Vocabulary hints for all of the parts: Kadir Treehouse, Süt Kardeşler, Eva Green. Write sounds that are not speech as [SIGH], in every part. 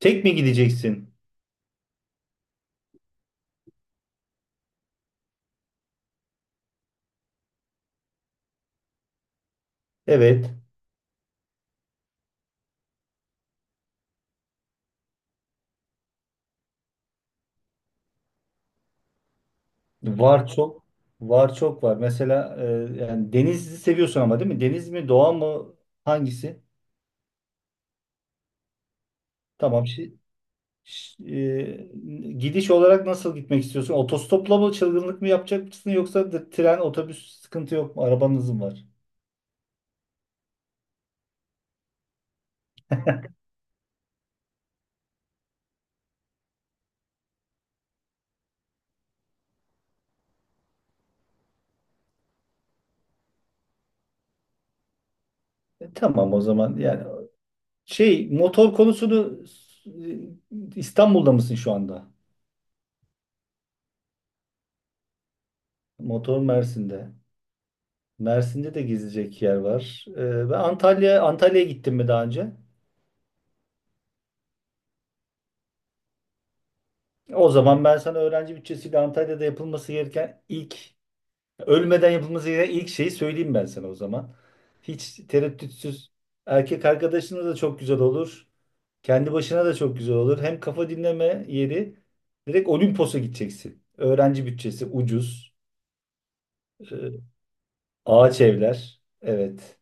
Tek mi gideceksin? Evet. Var çok. Var çok var. Mesela yani denizi seviyorsun ama, değil mi? Deniz mi, doğa mı? Hangisi? Tamam. Gidiş olarak nasıl gitmek istiyorsun? Otostopla mı, çılgınlık mı yapacak mısın, yoksa da tren, otobüs sıkıntı yok mu? Arabanız mı var? Tamam o zaman. Yani şey motor konusunu, İstanbul'da mısın şu anda? Motor Mersin'de. Mersin'de de gezecek yer var. Ben Antalya'ya gittim mi daha önce? O zaman ben sana öğrenci bütçesiyle Antalya'da yapılması gereken ilk, ölmeden yapılması gereken ilk şeyi söyleyeyim ben sana o zaman. Hiç tereddütsüz erkek arkadaşına da çok güzel olur. Kendi başına da çok güzel olur. Hem kafa dinleme yeri, direkt Olimpos'a gideceksin. Öğrenci bütçesi ucuz. Ee, Ağaç evler. Evet.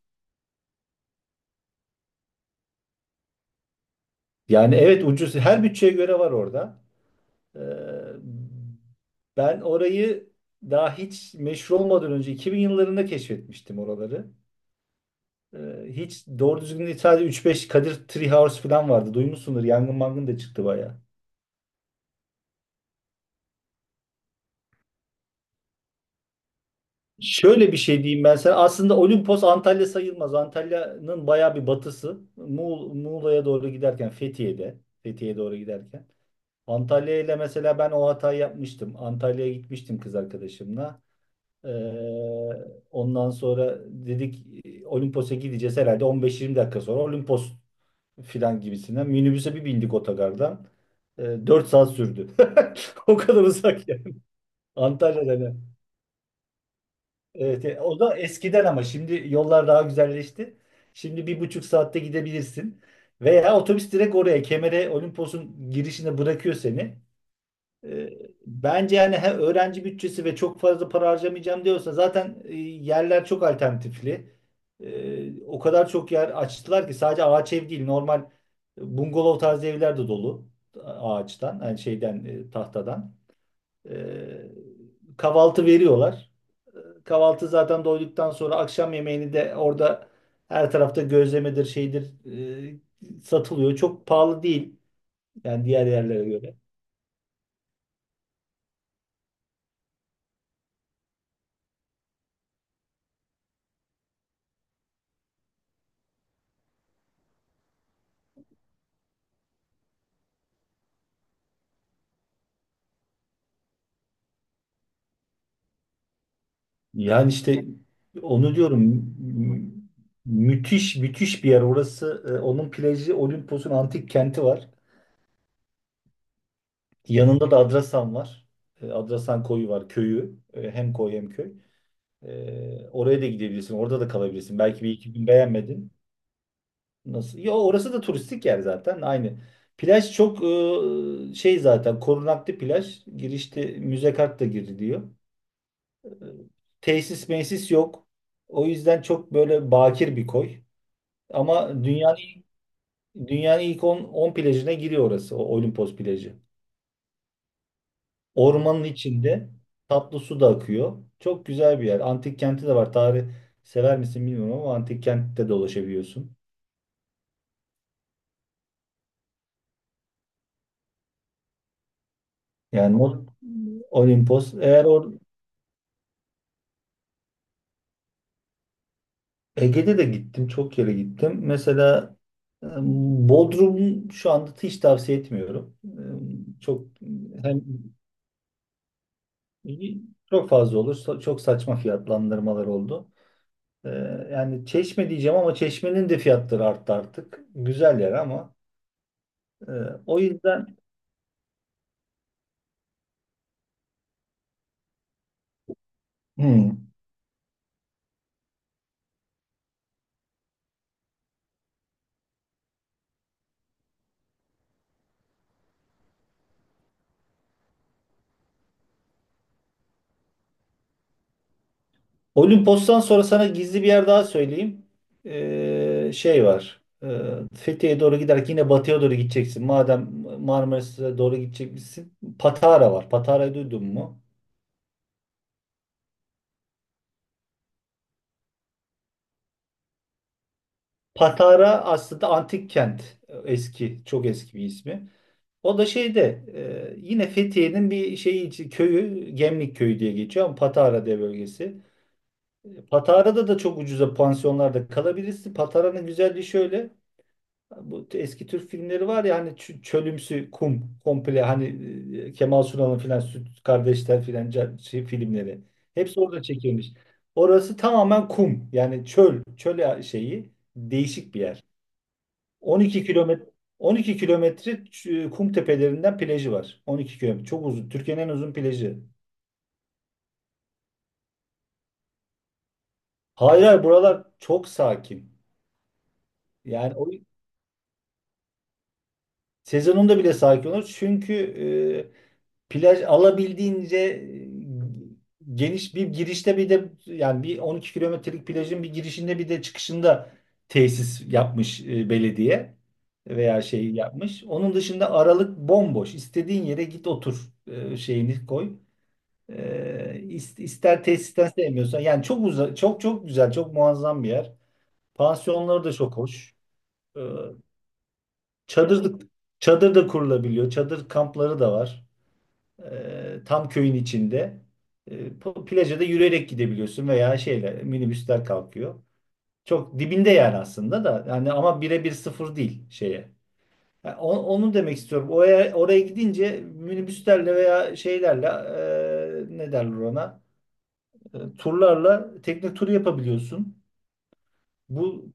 Yani evet ucuz. Her bütçeye göre var orada. Ee, Ben orayı daha hiç meşhur olmadan önce 2000 yıllarında keşfetmiştim oraları. Hiç doğru düzgün değil, sadece 3-5 Kadir Treehouse falan vardı. Duymuşsundur. Yangın mangın da çıktı bayağı. Şöyle bir şey diyeyim ben sana. Aslında Olimpos Antalya sayılmaz. Antalya'nın bayağı bir batısı. Muğla'ya doğru giderken Fethiye'de. Fethiye'ye doğru giderken. Antalya ile mesela ben o hatayı yapmıştım. Antalya'ya gitmiştim kız arkadaşımla. Ee, Ondan sonra dedik Olimpos'a gideceğiz herhalde 15-20 dakika sonra Olimpos filan gibisinden. Minibüse bir bindik otogardan. Dört saat sürdü. [LAUGHS] O kadar uzak yani. Antalya'dan. Yani. Evet, o da eskiden, ama şimdi yollar daha güzelleşti. Şimdi bir buçuk saatte gidebilirsin. Veya otobüs direkt oraya Kemer'e, Olimpos'un girişine bırakıyor seni. E, Bence yani he, öğrenci bütçesi ve çok fazla para harcamayacağım diyorsa, zaten yerler çok alternatifli. O kadar çok yer açtılar ki sadece ağaç ev değil, normal bungalov tarzı evler de dolu. Ağaçtan yani şeyden, tahtadan. E, Kahvaltı veriyorlar. Kahvaltı zaten, doyduktan sonra akşam yemeğini de orada her tarafta, gözlemedir şeydir satılıyor. Çok pahalı değil yani, diğer yerlere göre. Yani işte onu diyorum, mü- müthiş müthiş bir yer orası. E, onun plajı, Olimpos'un antik kenti var. Yanında da Adrasan var. E, Adrasan koyu var, köyü. E, hem koy hem köy. E, oraya da gidebilirsin. Orada da kalabilirsin. Belki bir iki gün beğenmedin. Nasıl? Ya orası da turistik yer zaten. Aynı. Plaj çok şey, zaten korunaklı plaj. Girişte müze kart da giriliyor. E, tesis mesis yok. O yüzden çok böyle bakir bir koy. Ama dünyanın ilk 10 plajına giriyor orası, o Olimpos plajı. Ormanın içinde tatlı su da akıyor. Çok güzel bir yer. Antik kenti de var. Tarih sever misin bilmiyorum ama antik kentte dolaşabiliyorsun. Yani o- Olimpos. Eğer or Ege'de de gittim, çok yere gittim. Mesela e, Bodrum şu anda hiç tavsiye etmiyorum. E, çok hem çok fazla olur. Çok saçma fiyatlandırmalar oldu. Ee, Yani Çeşme diyeceğim ama Çeşme'nin de fiyatları arttı artık. Güzel yer ama. Ee, O yüzden hmm. Olimpos'tan sonra sana gizli bir yer daha söyleyeyim. Şey var. Fethiye'ye doğru giderken yine batıya doğru gideceksin. Madem Marmaris'e doğru gideceksin. Patara var. Patara'yı duydun mu? Patara aslında antik kent. Eski, çok eski bir ismi. O da şeyde, yine Fethiye'nin bir şeyi, köyü, Gemlik Köyü diye geçiyor ama Patara diye bölgesi. Patara'da da çok ucuza pansiyonlarda kalabilirsin. Patara'nın güzelliği şöyle. Bu eski Türk filmleri var ya hani, çölümsü kum komple hani, Kemal Sunal'ın filan Süt Kardeşler filan şey filmleri. Hepsi orada çekilmiş. Orası tamamen kum. Yani çöl, çöl şeyi, değişik bir yer. 12 kilometre, 12 kilometre kum tepelerinden plajı var. 12 kilometre. Çok uzun. Türkiye'nin en uzun plajı. Hayır hayır, buralar çok sakin. Yani o Sezonunda bile sakin olur. Çünkü plaj alabildiğince geniş, bir girişte bir de, yani bir 12 kilometrelik plajın bir girişinde bir de çıkışında tesis yapmış belediye veya şey yapmış. Onun dışında aralık bomboş. İstediğin yere git otur, şeyini koy. E, ister, tesisten sevmiyorsan, yani çok uza, çok çok güzel, çok muazzam bir yer. Pansiyonları da çok hoş. E, Çadırlık, çadır da kurulabiliyor. Çadır kampları da var. Tam köyün içinde. Plaja da yürüyerek gidebiliyorsun veya şeyler, minibüsler kalkıyor. Çok dibinde yani aslında da yani, ama birebir sıfır değil şeye. Onu demek istiyorum. Oraya, oraya gidince minibüslerle veya şeylerle, ne derler ona? E, turlarla tekne turu yapabiliyorsun. Bu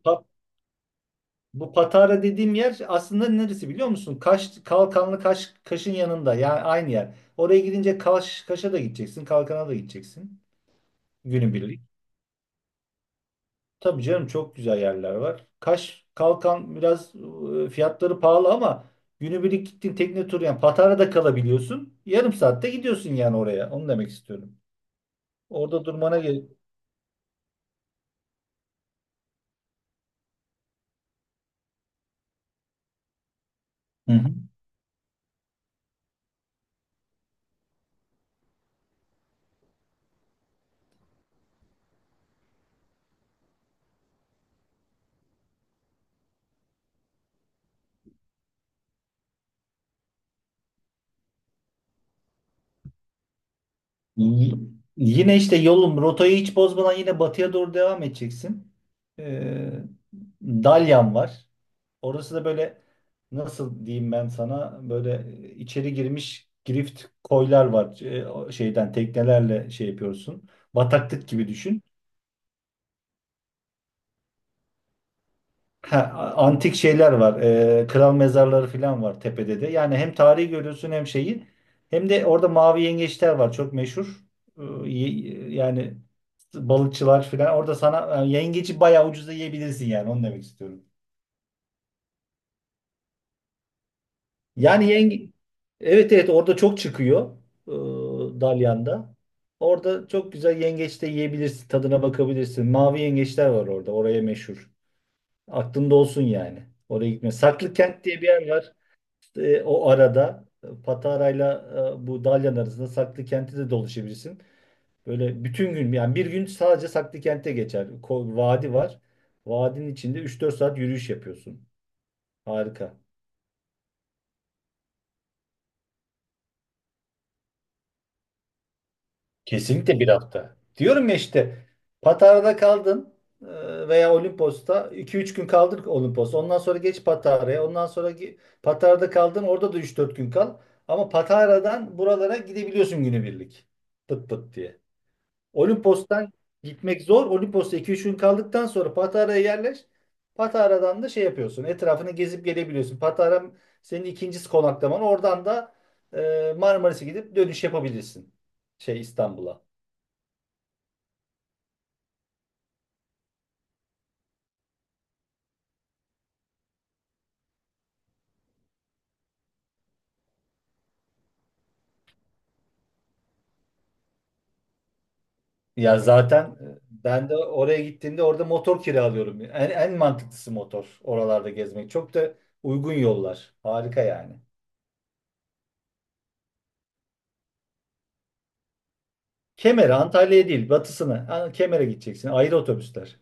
Bu Patara dediğim yer aslında neresi biliyor musun? Kaş, Kalkanlı Kaş, Kaş'ın yanında, yani aynı yer. Oraya gidince Kaş, Kaş'a da gideceksin, Kalkan'a da gideceksin günübirlik. Tabii canım, çok güzel yerler var. Kaş, Kalkan biraz fiyatları pahalı ama günübirlik gittin, tekne turu, yani Patara'da kalabiliyorsun. Yarım saatte gidiyorsun yani oraya. Onu demek istiyorum. Orada durmana gerek. Hı hı. Y- Yine işte yolun rotayı hiç bozmadan yine batıya doğru devam edeceksin. Ee, Dalyan var. Orası da böyle, nasıl diyeyim ben sana, böyle içeri girmiş grift koylar var. O şeyden teknelerle şey yapıyorsun. Bataklık gibi düşün. Ha, antik şeyler var. Kral mezarları falan var tepede de. Yani hem tarihi görüyorsun hem şeyi. Hem de orada mavi yengeçler var. Çok meşhur. Ee, yani balıkçılar falan. Orada sana yengeci bayağı ucuza yiyebilirsin yani. Onu demek istiyorum. Yani yenge... Evet evet, orada çok çıkıyor. Dalyan'da. Orada çok güzel yengeç de yiyebilirsin. Tadına bakabilirsin. Mavi yengeçler var orada. Oraya meşhur. Aklında olsun yani. Oraya gitme. Saklı Kent diye bir yer var. E, o arada Patara'yla, bu Dalyan arasında Saklı Kent'e de dolaşabilirsin. Böyle bütün gün, yani bir gün sadece Saklı Kent'e geçer. Vadi var. Vadinin içinde üç dört saat yürüyüş yapıyorsun. Harika. Kesinlikle bir hafta. Diyorum ya işte, Patara'da kaldın, veya Olimpos'ta iki üç gün kaldın Olimpos'ta. Ondan sonra geç Patara'ya. Ondan sonra Patara'da kaldın, orada da üç dört gün kal. Ama Patara'dan buralara gidebiliyorsun günübirlik. Pıt pıt diye. Olimpos'tan gitmek zor. Olimpos'ta iki üç gün kaldıktan sonra Patara'ya yerleş. Patara'dan da şey yapıyorsun. Etrafını gezip gelebiliyorsun. Patara senin ikincisi konaklaman. Oradan da Marmaris'e gidip dönüş yapabilirsin. Şey, İstanbul'a. Ya zaten ben de oraya gittiğimde orada motor kiralıyorum. En mantıklısı motor oralarda gezmek. Çok da uygun yollar. Harika yani. Kemer'e, Antalya'ya değil batısına. Ha, Kemer'e gideceksin. Ayrı otobüsler.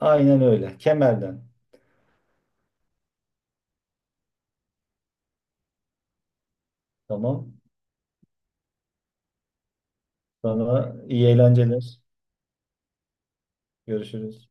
Aynen öyle. Kemer'den. Tamam. Sana iyi eğlenceler. Görüşürüz.